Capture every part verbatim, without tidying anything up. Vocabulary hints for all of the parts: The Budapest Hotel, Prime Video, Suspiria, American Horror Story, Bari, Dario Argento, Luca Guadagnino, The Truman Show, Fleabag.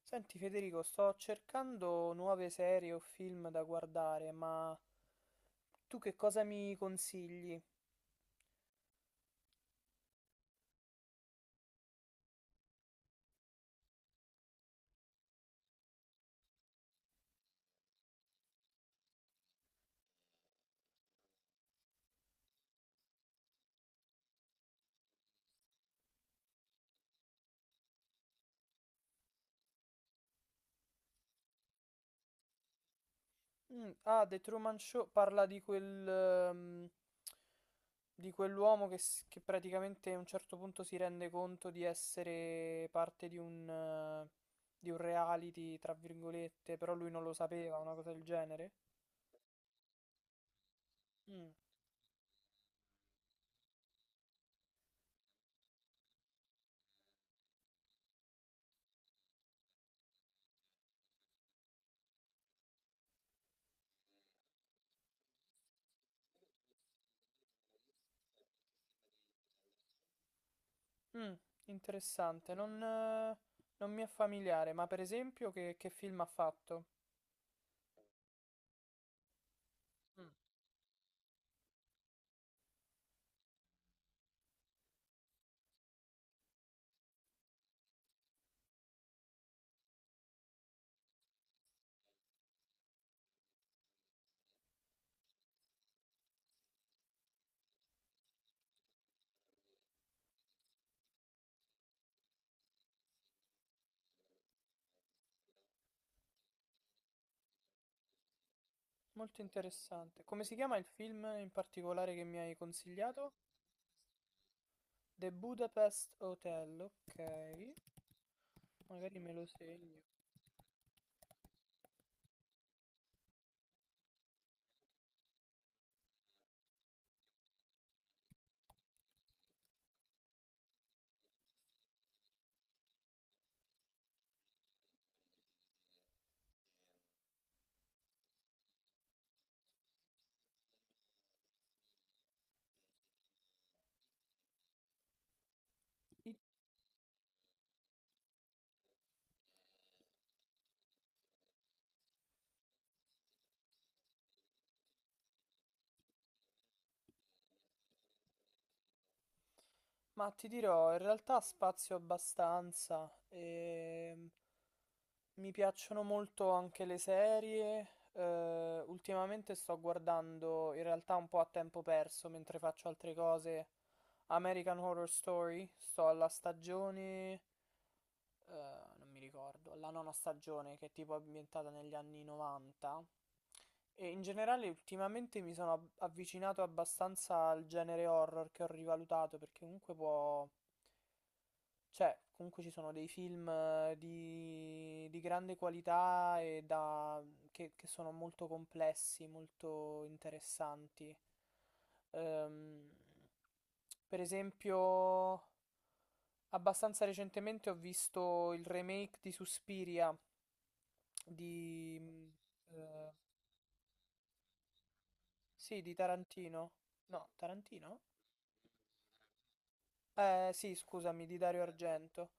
Senti Federico, sto cercando nuove serie o film da guardare, ma tu che cosa mi consigli? Mm, ah, The Truman Show parla di quel, ehm, di quell'uomo che, s- che praticamente a un certo punto si rende conto di essere parte di un, eh, di un reality, tra virgolette, però lui non lo sapeva, una cosa del genere. Mm, mm, interessante, non, eh, non mi è familiare, ma per esempio che, che film ha fatto? Mm. Molto interessante. Come si chiama il film in particolare che mi hai consigliato? The Budapest Hotel, ok. Magari me lo segno. I- Ma ti dirò, in realtà spazio abbastanza. Ehm, mi piacciono molto anche le serie. Eh, ultimamente sto guardando, in realtà un po' a tempo perso, mentre faccio altre cose, American Horror Story. Sto alla stagione eh, non mi ricordo, la nona stagione che è tipo ambientata negli anni novanta. E in generale ultimamente mi sono ab- avvicinato abbastanza al genere horror che ho rivalutato perché comunque può... Cioè, comunque ci sono dei film eh, di, di grande qualità e da, che, che sono molto complessi, molto interessanti. Ehm, per esempio, abbastanza recentemente ho visto il remake di Suspiria di, mh, eh, sì, di Tarantino. No, Tarantino? Eh, sì, scusami, di Dario Argento,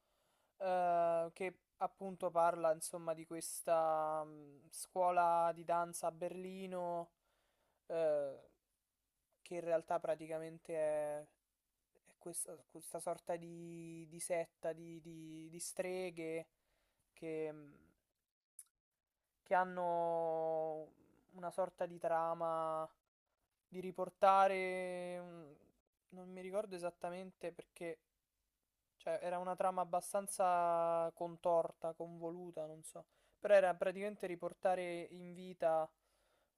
eh, che appunto parla, insomma, di questa mh, scuola di danza a Berlino, eh, che in realtà praticamente è, è questa, questa sorta di, di setta di, di- di streghe che... mh, che hanno una sorta di trama di riportare, un- non mi ricordo esattamente perché, cioè era una trama abbastanza contorta, convoluta, non so, però era praticamente riportare in vita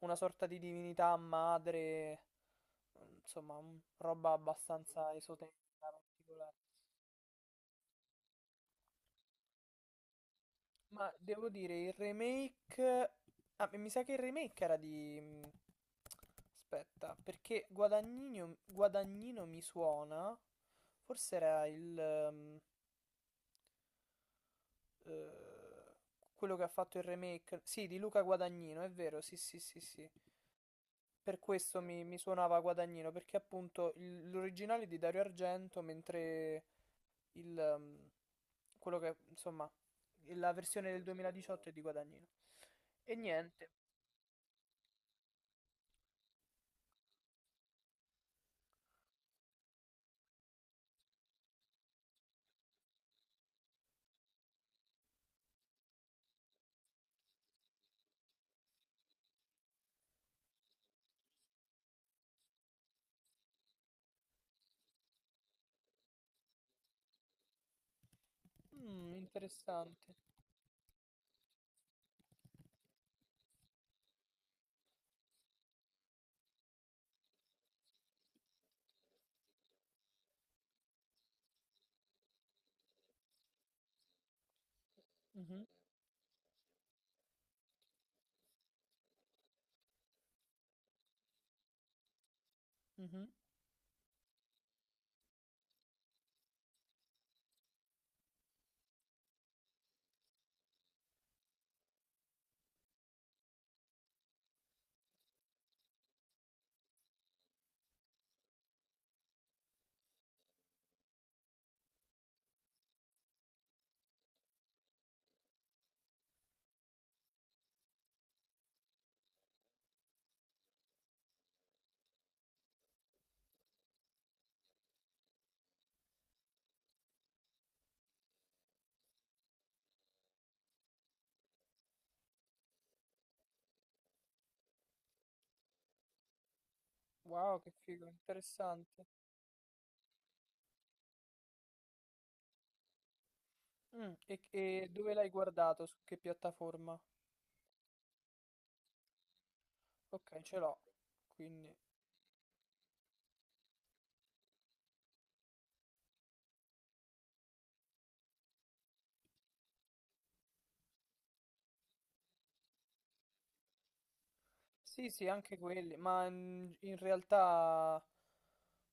una sorta di divinità madre, insomma, un- roba abbastanza esoterica, particolare. Ma devo dire, il remake... Ah, mi sa che il remake era di... mm, aspetta, perché Guadagnino, Guadagnino mi suona. Forse era il... ehm, eh, quello che ha fatto il remake. Sì, di Luca Guadagnino, è vero, sì, sì, sì, sì. Per questo mi, mi suonava Guadagnino, perché appunto il- l'originale è di Dario Argento, mentre il... ehm, quello che, insomma, la versione del duemiladiciotto è di Guadagnino. E niente. Mh, interessante. Mh-mh, mh-mh. Wow, che figo, interessante. Mh, e c e dove l'hai guardato? Su che piattaforma? Okay, ce l'ho. Quindi sì, sì, anche quelli, ma, mhmm, in realtà,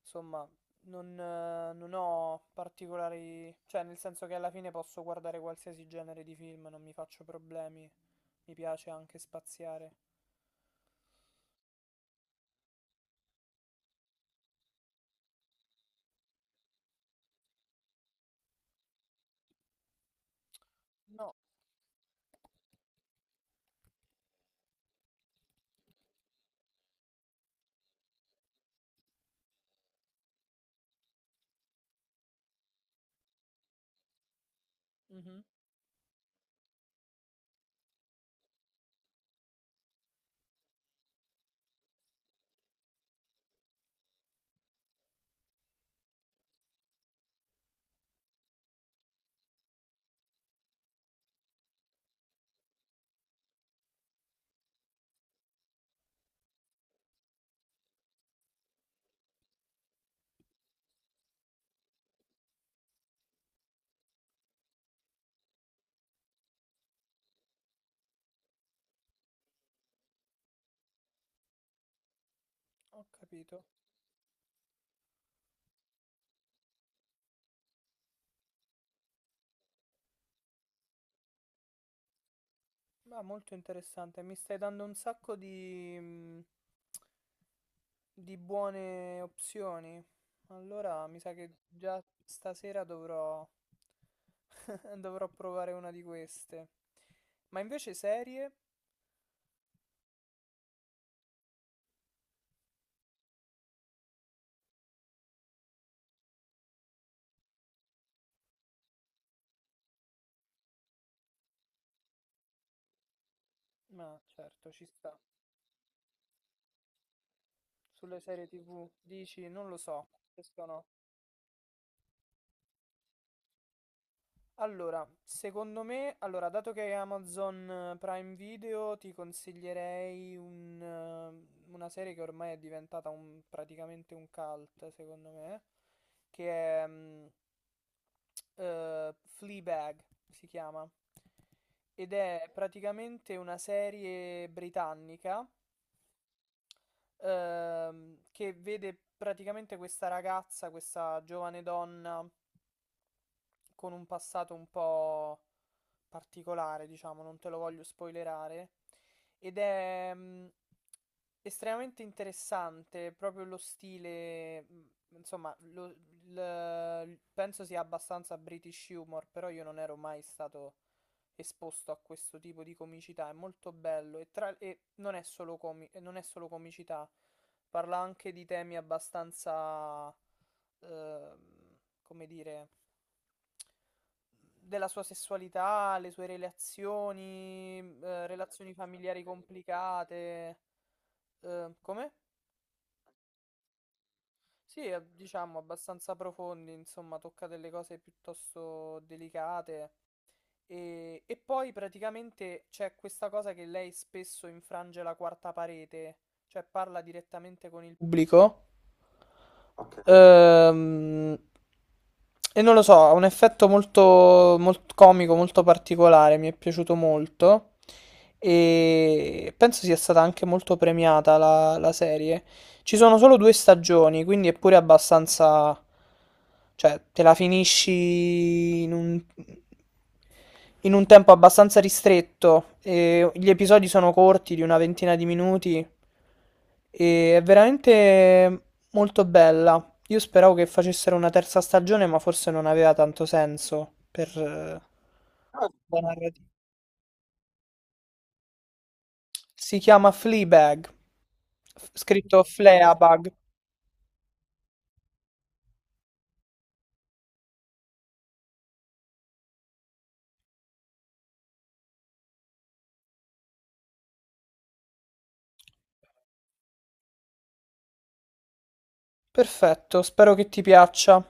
somma, non eh, non ho particolari cioè, nel senso che alla fine posso guardare qualsiasi genere di film, non mi faccio problemi. Mi piace anche spaziare. Mh-mh, ho capito. Ma molto interessante, mi stai dando un sacco di, mm, di buone opzioni. Allora mi sa che già stasera dovrò, dovrò provare una di queste. Ma invece serie? Ma certo, ci sta. Sulle serie T V dici, non lo so, questo no. Allora, secondo me, allora, dato che è Amazon eh, Prime Video, ti consiglierei un, eh, una serie che ormai è diventata un- praticamente un cult, secondo me, che è mm, eh, Fleabag, si chiama, ed è praticamente una serie britannica ehm, che vede praticamente questa ragazza, questa giovane donna con un passato un po' particolare, diciamo, non te lo voglio spoilerare. Ed è mh, estremamente interessante proprio lo stile, mh, insomma, lo- il- penso sia abbastanza British humor, però io non ero mai stato esposto a questo tipo di comicità, è molto bello e, tra- e non è solo comi- e non è solo comicità, parla anche di temi abbastanza, ehm, come dire della sua sessualità, le sue relazioni, mm, eh, relazioni familiari complicate. Eh, come? Sì, eh, diciamo abbastanza profondi, insomma, tocca delle cose piuttosto delicate. E, e poi praticamente c'è questa cosa che lei spesso infrange la quarta parete, cioè parla direttamente con il pubblico. Ehm, e non lo so, ha un effetto molto, molto comico, molto particolare, mi è piaciuto molto e penso sia stata anche molto premiata la, la serie. Ci sono solo due stagioni, quindi è pure abbastanza... cioè, te la finisci in un, in un tempo abbastanza ristretto. E gli episodi sono corti, di una ventina di minuti, e è veramente molto bella. Io speravo che facessero una terza stagione, ma forse non aveva tanto senso per eh, ah, la narrativa. Si chiama Fleabag, f- scritto Fleabag. Perfetto, spero che ti piaccia.